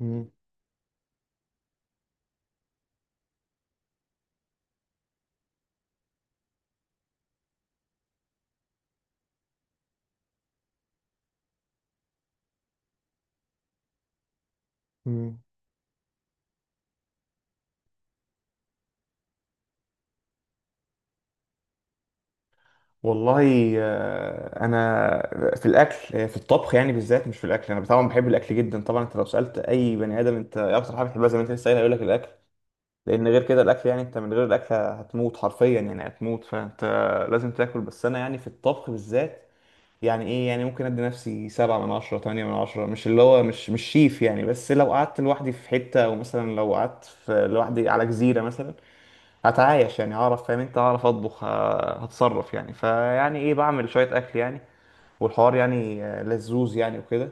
مم. مم. والله، انا في الاكل، في الطبخ يعني بالذات، مش في الاكل. انا طبعا بحب الاكل جدا. طبعا انت لو سالت اي بني ادم: انت إيه اكتر حاجه بتحبها؟ زي ما انت لسه قايل، هيقول لك: الاكل. لان غير كده الاكل يعني، انت من غير الاكل هتموت، حرفيا يعني هتموت، فانت لازم تاكل. بس انا يعني في الطبخ بالذات، يعني ايه، يعني ممكن ادي نفسي 7/10 8/10، مش اللي هو مش شيف يعني. بس لو قعدت لوحدي في حتة، او مثلا لو قعدت لوحدي على جزيرة مثلا، هتعايش يعني، هعرف فاهم انت، هعرف اطبخ، هتصرف يعني. فيعني ايه، بعمل شوية اكل يعني، والحوار يعني لذوذ يعني وكده.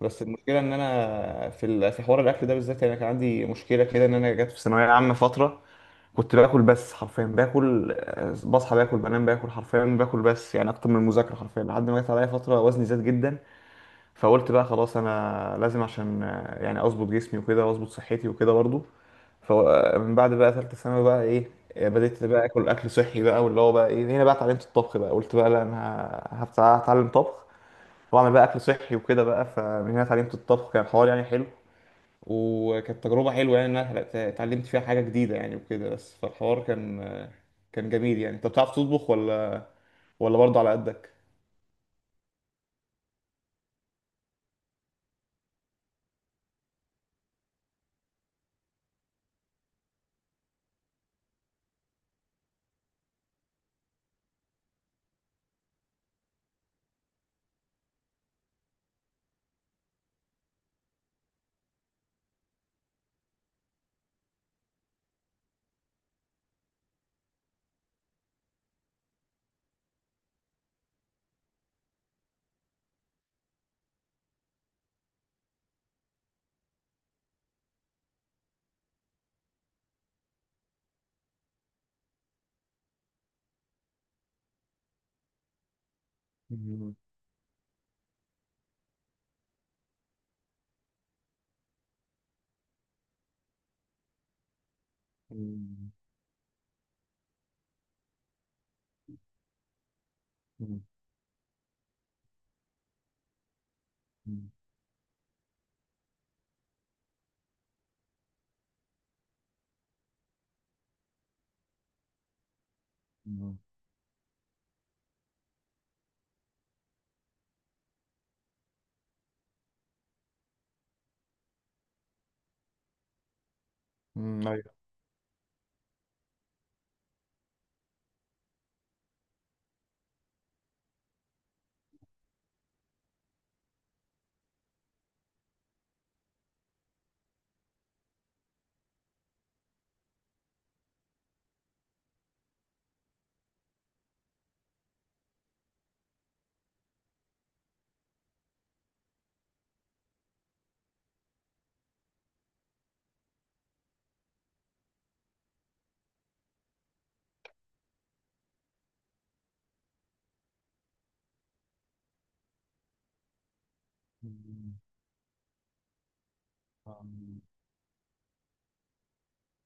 بس المشكلة ان انا في في حوار الاكل ده بالذات، يعني كان عندي مشكلة كده ان انا جت في ثانوية عامة فترة كنت باكل، بس حرفيا باكل، بصحى باكل بنام باكل حرفيا باكل، بس يعني اكتر من المذاكرة حرفيا، لحد ما جت عليا فترة وزني زاد جدا. فقلت بقى خلاص انا لازم، عشان يعني اظبط جسمي وكده واظبط صحتي وكده برضو. فمن بعد بقى ثالثة ثانوي بقى ايه، بدأت بقى اكل اكل صحي بقى، واللي هو بقى ايه، هنا بقى اتعلمت الطبخ بقى، قلت بقى لا انا هتعلم طبخ واعمل بقى اكل صحي وكده بقى. فمن هنا اتعلمت الطبخ، كان حوار يعني حلو، وكانت تجربة حلوة، يعني ان انا اتعلمت فيها حاجة جديدة يعني وكده، بس فالحوار كان جميل يعني. انت بتعرف تطبخ ولا برضه على قدك؟ امم. أيوة.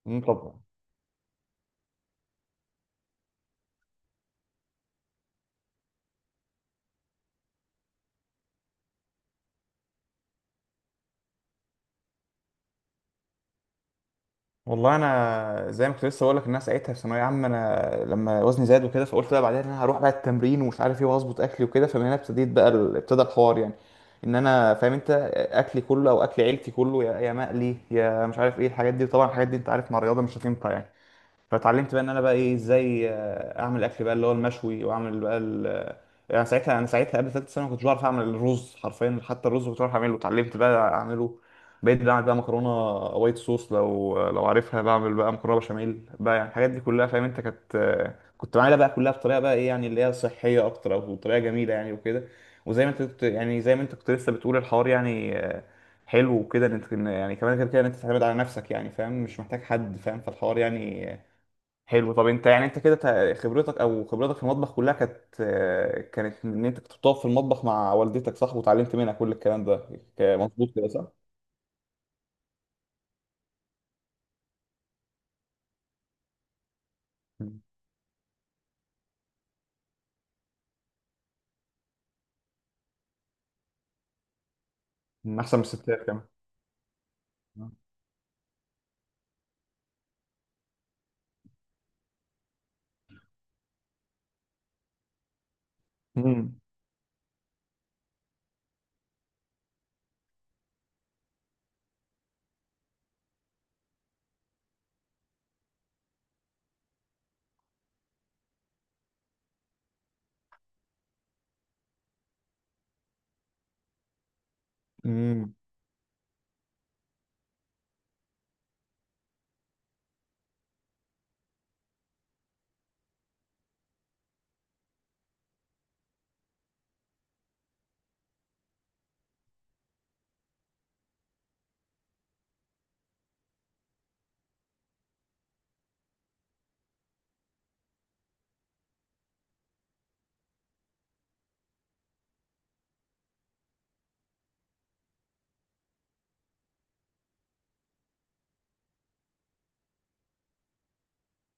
مم، طب. والله انا زي ما كنت لسه بقول لك، الناس ساعتها في ثانويه عامه، انا لما وزني زاد وكده، فقلت بقى بعدين انا هروح بقى التمرين ومش عارف ايه، وهظبط اكلي وكده، فمن هنا ابتديت بقى ابتدى الحوار يعني. ان انا فاهم انت، اكلي كله او اكل عيلتي كله، يا مقلي يا مش عارف ايه الحاجات دي. طبعا الحاجات دي انت عارف مع الرياضه مش هتنفع يعني. فاتعلمت بقى ان انا بقى ايه، ازاي اعمل الاكل بقى اللي هو المشوي، واعمل بقى ال... آه، يعني ساعتها انا ساعتها قبل ثالثه ثانوي ما كنتش بعرف اعمل الرز حرفيا. حتى الرز كنت بعرف اعمله، اتعلمت بقى اعمله. بقيت بعمل بقى مكرونه وايت صوص لو عارفها، بعمل بقى مكرونه بشاميل بقى، يعني الحاجات دي كلها فاهم انت، كانت كنت بعملها بقى كلها بطريقه بقى ايه يعني، اللي هي صحيه اكتر او طريقه جميله يعني وكده. وزي ما انت كنت يعني، زي ما انت كنت لسه بتقول، الحوار يعني حلو وكده، ان إن يعني كمان غير كده ان انت تعتمد على نفسك يعني، فاهم مش محتاج حد فاهم، فالحوار يعني حلو. طب انت يعني، انت كده خبرتك او خبرتك في المطبخ كلها كانت كانت ان انت كنت بتقف في المطبخ مع والدتك، صح، وتعلمت منها كل الكلام ده. مظبوط كده، صح؟ مم. من احسن من الستات كمان. امم. امم.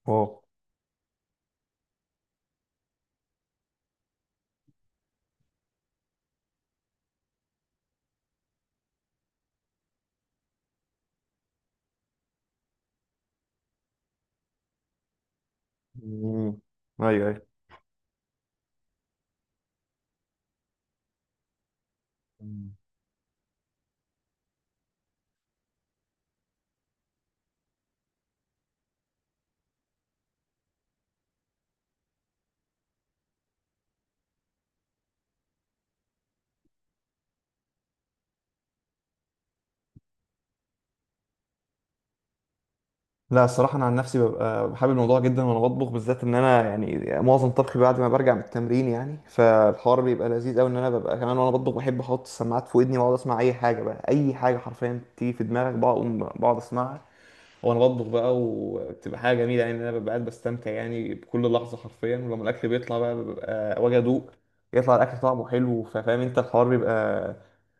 واو. امم. ايوه، ايوه. مم. لا، الصراحه انا عن نفسي ببقى بحب الموضوع جدا، وانا بطبخ بالذات ان انا يعني معظم طبخي بعد ما برجع من التمرين يعني، فالحوار بيبقى لذيذ قوي. ان انا ببقى كمان وانا بطبخ بحب احط السماعات في ودني، واقعد اسمع اي حاجه بقى، اي حاجه حرفيا تيجي في دماغك بقوم بقعد اسمعها وانا بطبخ بقى. وبتبقى حاجه جميله يعني، انا ببقى قاعد بستمتع يعني بكل لحظه حرفيا، ولما الاكل بيطلع بقى ببقى واجي ادوق. يطلع الاكل طعمه حلو، فاهم انت، الحوار بيبقى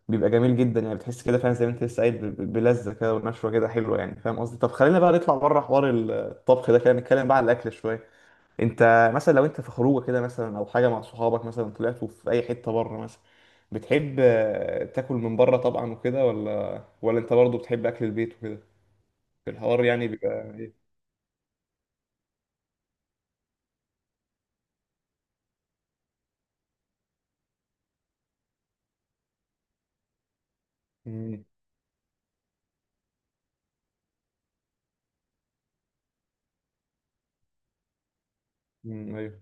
بيبقى جميل جدا يعني. بتحس كده فعلا زي ما انت لسه قايل، بلذه كده ونشوه كده حلوه يعني، فاهم قصدي. طب خلينا بقى نطلع بره حوار الطبخ ده كده، نتكلم بقى على الاكل شويه. انت مثلا لو انت في خروجه كده مثلا، او حاجه مع صحابك، مثلا طلعتوا في اي حته بره مثلا، بتحب تاكل من بره طبعا وكده، ولا انت برضه بتحب اكل البيت وكده؟ الحوار يعني بيبقى ايه؟ مم، مم، ايوه.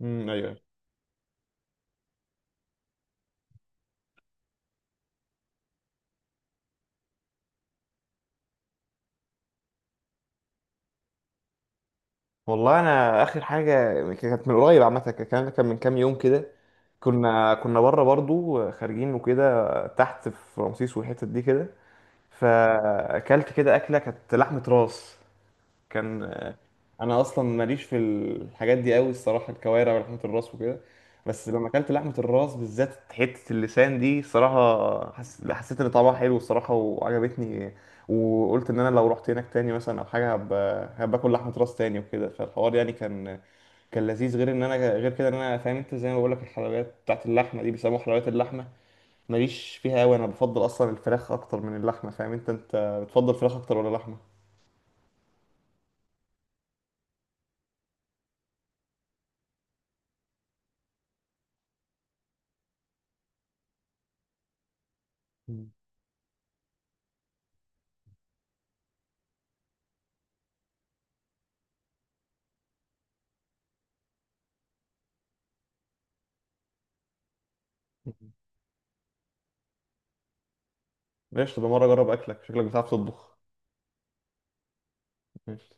مم، ايوه. والله انا اخر حاجه كانت من قريب عامه، الكلام ده كان من كام يوم كده. كنا بره برضو خارجين وكده، تحت في رمسيس والحتت دي كده. فاكلت كده اكله كانت لحمه راس، كان آه، انا اصلا ماليش في الحاجات دي قوي الصراحه، الكوارع ولحمه الراس وكده. بس لما اكلت لحمه الراس بالذات، حته اللسان دي صراحه، حسيت ان طعمها حلو الصراحه، وعجبتني. وقلت ان انا لو رحت هناك تاني مثلا او حاجه، هباكل لحمه راس تاني وكده. فالحوار يعني كان لذيذ. غير ان انا، غير كده ان انا فاهم انت، زي ما بقول لك، الحلويات بتاعت اللحمه دي بيسموها حلويات اللحمه، ماليش فيها قوي، انا بفضل اصلا الفراخ اكتر من اللحمه، فاهم انت. انت بتفضل فراخ اكتر ولا لحمه؟ ماشي، تبقى مرة أجرب أكلك، شكلك بتعرف تطبخ. ماشي.